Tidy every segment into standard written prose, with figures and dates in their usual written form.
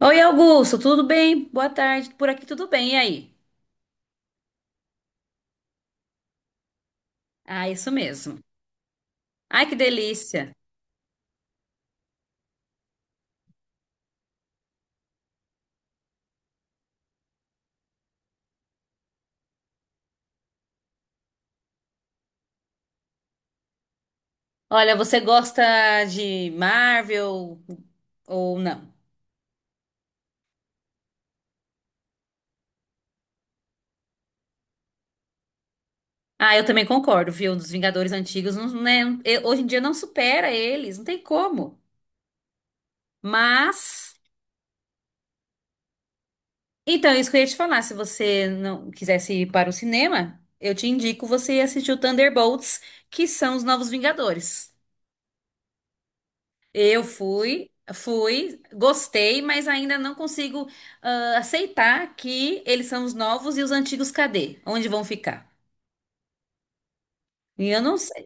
Oi, Augusto, tudo bem? Boa tarde. Por aqui tudo bem, e aí? Ah, isso mesmo. Ai, que delícia. Olha, você gosta de Marvel ou não? Ah, eu também concordo, viu? Dos Vingadores antigos, não, né? Hoje em dia não supera eles, não tem como. Mas, então, isso que eu ia te falar, se você não quisesse ir para o cinema, eu te indico você assistir o Thunderbolts, que são os novos Vingadores. Eu fui, gostei, mas ainda não consigo aceitar que eles são os novos e os antigos cadê? Onde vão ficar? E eu não sei.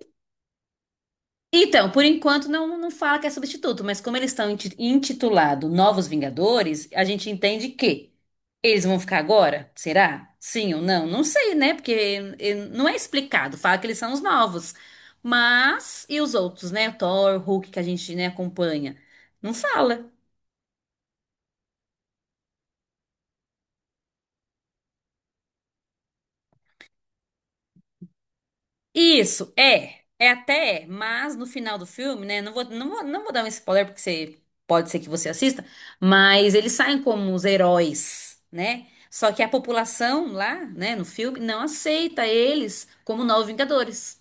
Então, por enquanto não, não fala que é substituto, mas como eles estão intitulado Novos Vingadores, a gente entende que eles vão ficar agora? Será? Sim ou não? Não sei, né? Porque não é explicado. Fala que eles são os novos. Mas e os outros, né? Thor, Hulk que a gente, né, acompanha? Não fala. Isso, é. É até, é, mas no final do filme, né? Não vou dar um spoiler, porque você, pode ser que você assista, mas eles saem como os heróis, né? Só que a população lá, né, no filme, não aceita eles como novos Vingadores.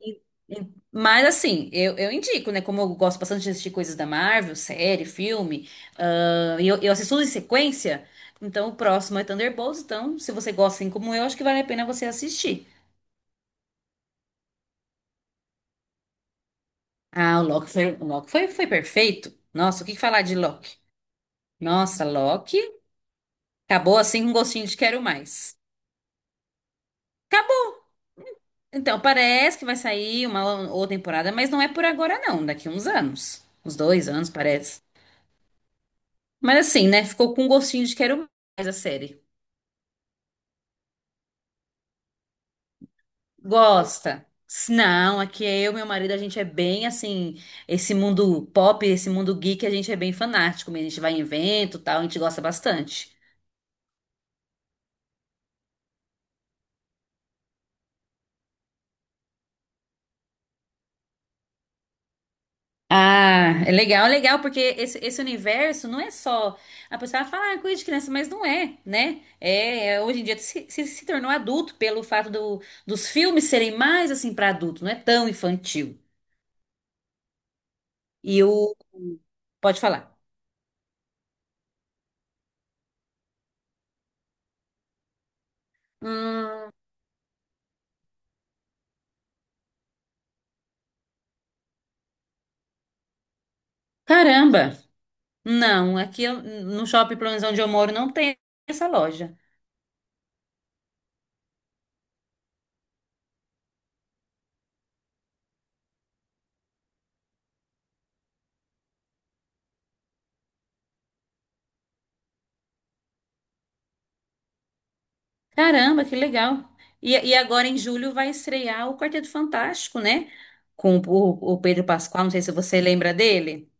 E- Mas assim, eu indico, né? Como eu gosto bastante de assistir coisas da Marvel, série, filme, e eu assisto tudo em sequência, então o próximo é Thunderbolts, então se você gosta assim como eu, acho que vale a pena você assistir. Ah, o Loki foi, foi perfeito. Nossa, o que falar de Loki? Nossa, Loki acabou assim com gostinho de quero mais. Acabou. Então, parece que vai sair uma outra temporada, mas não é por agora, não. Daqui uns anos. Uns 2 anos, parece. Mas assim, né? Ficou com gostinho de quero mais a série. Gosta. Não, aqui é eu e meu marido, a gente é bem assim, esse mundo pop, esse mundo geek, a gente é bem fanático, mesmo. A gente vai em evento, e tal, a gente gosta bastante. Ah, é legal, porque esse universo não é só. A pessoa fala, ah, coisa de criança, mas não é, né? É, hoje em dia se tornou adulto pelo fato dos filmes serem mais assim para adulto, não é tão infantil. E o. Pode falar. Hum, caramba! Não, aqui no shopping, pelo menos onde eu moro, não tem essa loja. Caramba, que legal! E agora em julho vai estrear o Quarteto Fantástico, né? Com o Pedro Pascal, não sei se você lembra dele.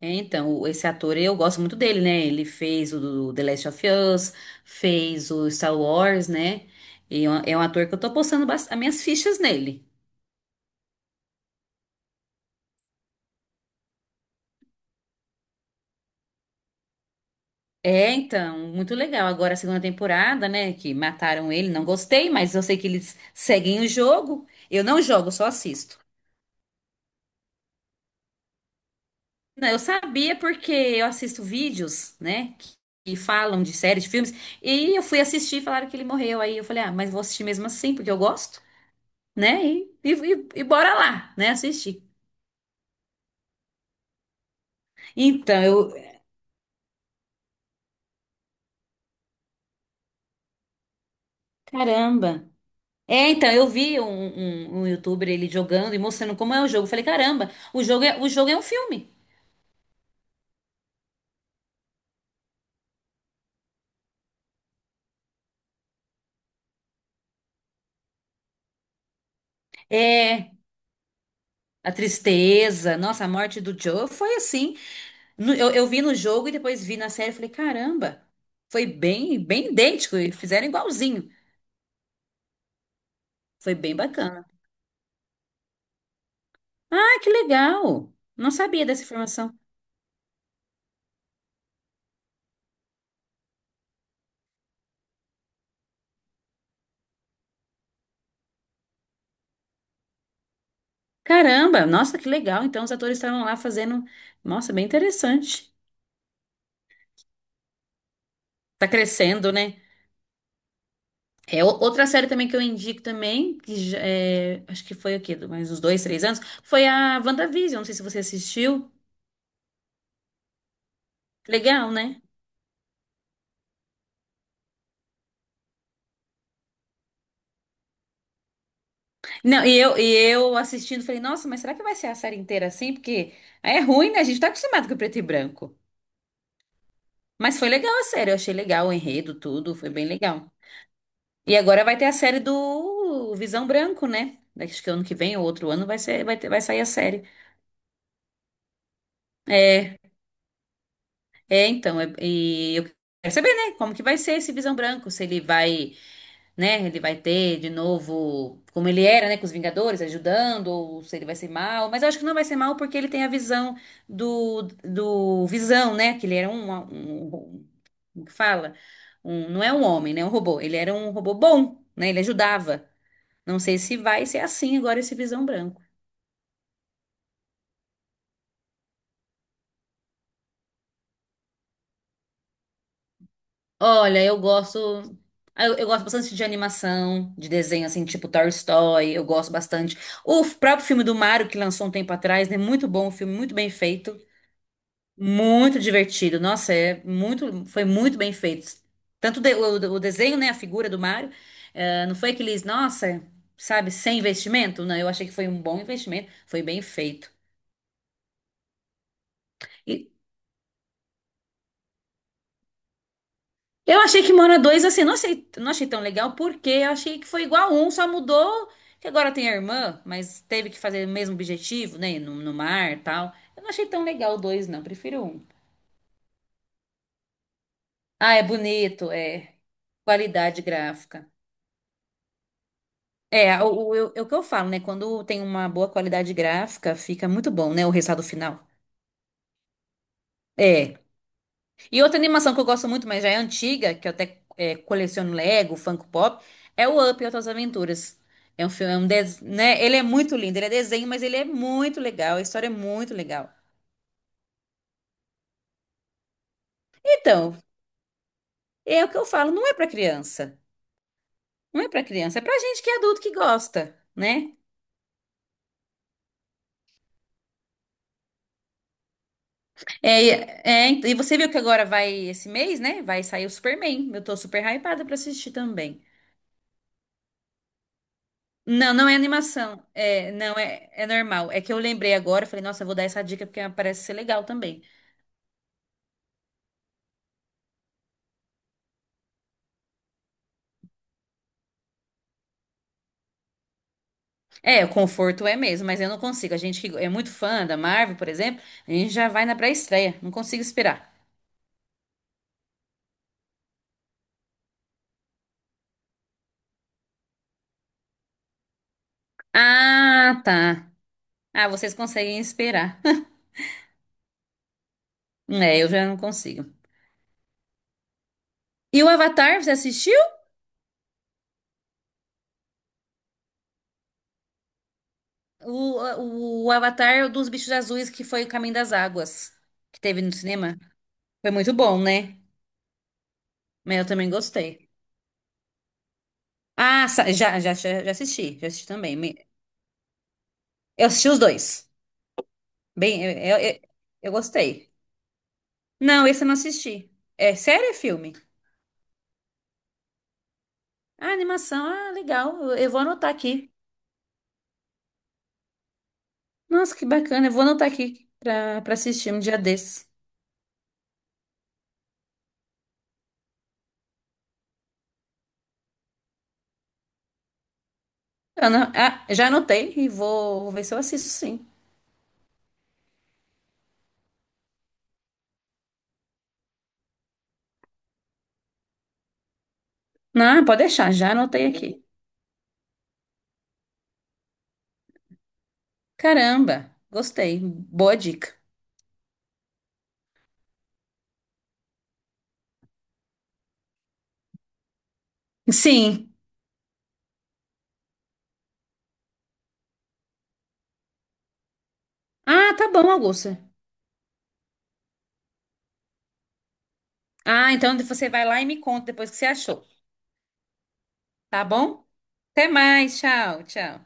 É, então, esse ator, eu gosto muito dele, né? Ele fez o do The Last of Us, fez o Star Wars, né? E é um ator que eu tô postando as minhas fichas nele. É, então, muito legal. Agora a segunda temporada, né? Que mataram ele, não gostei, mas eu sei que eles seguem o jogo. Eu não jogo, só assisto. Não, eu sabia porque eu assisto vídeos, né? Que falam de séries, de filmes. E eu fui assistir e falaram que ele morreu. Aí eu falei, ah, mas vou assistir mesmo assim, porque eu gosto. Né? E bora lá, né? Assistir. Então, eu. Caramba! É, então, eu vi um youtuber ele jogando e mostrando como é o jogo. Eu falei, caramba, o jogo é um filme. É. A tristeza, nossa, a morte do Joe foi assim. Eu vi no jogo e depois vi na série. Eu falei, caramba, foi bem, bem idêntico. E fizeram igualzinho. Foi bem bacana. Ah, que legal! Não sabia dessa informação. Caramba, nossa, que legal. Então, os atores estavam lá fazendo. Nossa, bem interessante. Tá crescendo, né? É, outra série também que eu indico também, que é, acho que foi aqui, mais uns 2, 3 anos, foi a WandaVision. Não sei se você assistiu. Legal, né? Não, e eu assistindo, falei, nossa, mas será que vai ser a série inteira assim? Porque é ruim, né? A gente tá acostumado com preto e branco. Mas foi legal a série, eu achei legal o enredo, tudo, foi bem legal. E agora vai ter a série do Visão Branco, né? Daqui acho que ano que vem ou outro ano vai ser, vai sair a série. É, É, então, e eu quero saber, né, como que vai ser esse Visão Branco, se ele vai, né, ele vai ter de novo, como ele era, né, com os Vingadores, ajudando, ou se ele vai ser mal, mas eu acho que não vai ser mal porque ele tem a visão do Visão, né, que ele era um, um, um, como que fala? Um, não é um homem, né, um robô, ele era um robô bom, né, ele ajudava. Não sei se vai ser assim agora esse Visão Branco. Olha, eu gosto. Eu gosto bastante de animação, de desenho, assim, tipo Toy Story, eu gosto bastante. O próprio filme do Mario, que lançou um tempo atrás, né? Muito bom, um filme muito bem feito, muito divertido. Nossa, é muito, foi muito bem feito. Tanto o desenho, né? A figura do Mario. Não foi aqueles, nossa, sabe, sem investimento? Não, eu achei que foi um bom investimento, foi bem feito. Eu achei que Mora 2 assim, não achei, não achei tão legal, porque eu achei que foi igual a um, só mudou que agora tem a irmã, mas teve que fazer o mesmo objetivo, né? No mar e tal. Eu não achei tão legal o dois, não, prefiro o um. Ah, é bonito, é. Qualidade gráfica. É o que eu falo, né? Quando tem uma boa qualidade gráfica, fica muito bom, né? O resultado final. É. E outra animação que eu gosto muito, mas já é antiga, que eu até coleciono Lego, Funko Pop, é o Up e Outras Aventuras. É um filme, né? Ele é muito lindo, ele é desenho, mas ele é muito legal, a história é muito legal. Então, é o que eu falo, não é pra criança. Não é pra criança, é pra gente que é adulto que gosta, né? É, e você viu que agora vai, esse mês, né? Vai sair o Superman. Eu tô super hypada pra assistir também. Não, não é animação. É, não, é normal. É que eu lembrei agora, eu falei, nossa, eu vou dar essa dica porque parece ser legal também. É, o conforto é mesmo, mas eu não consigo. A gente que é muito fã da Marvel, por exemplo, a gente já vai na pré-estreia. Não consigo esperar. Ah, tá. Ah, vocês conseguem esperar. É, eu já não consigo. E o Avatar, você assistiu? O, o Avatar dos Bichos Azuis, que foi o Caminho das Águas, que teve no cinema. Foi muito bom, né? Mas eu também gostei. Ah, já assisti também. Eu assisti os dois. Bem, eu gostei. Não, esse eu não assisti. É sério, ou é filme? Ah, animação. Ah, legal. Eu vou anotar aqui. Nossa, que bacana. Eu vou anotar aqui pra assistir um dia desses. Eu já anotei e vou ver se eu assisto sim. Não, pode deixar, já anotei aqui. Caramba, gostei. Boa dica. Sim. Ah, tá bom, Augusta. Ah, então você vai lá e me conta depois o que você achou. Tá bom? Até mais. Tchau, tchau.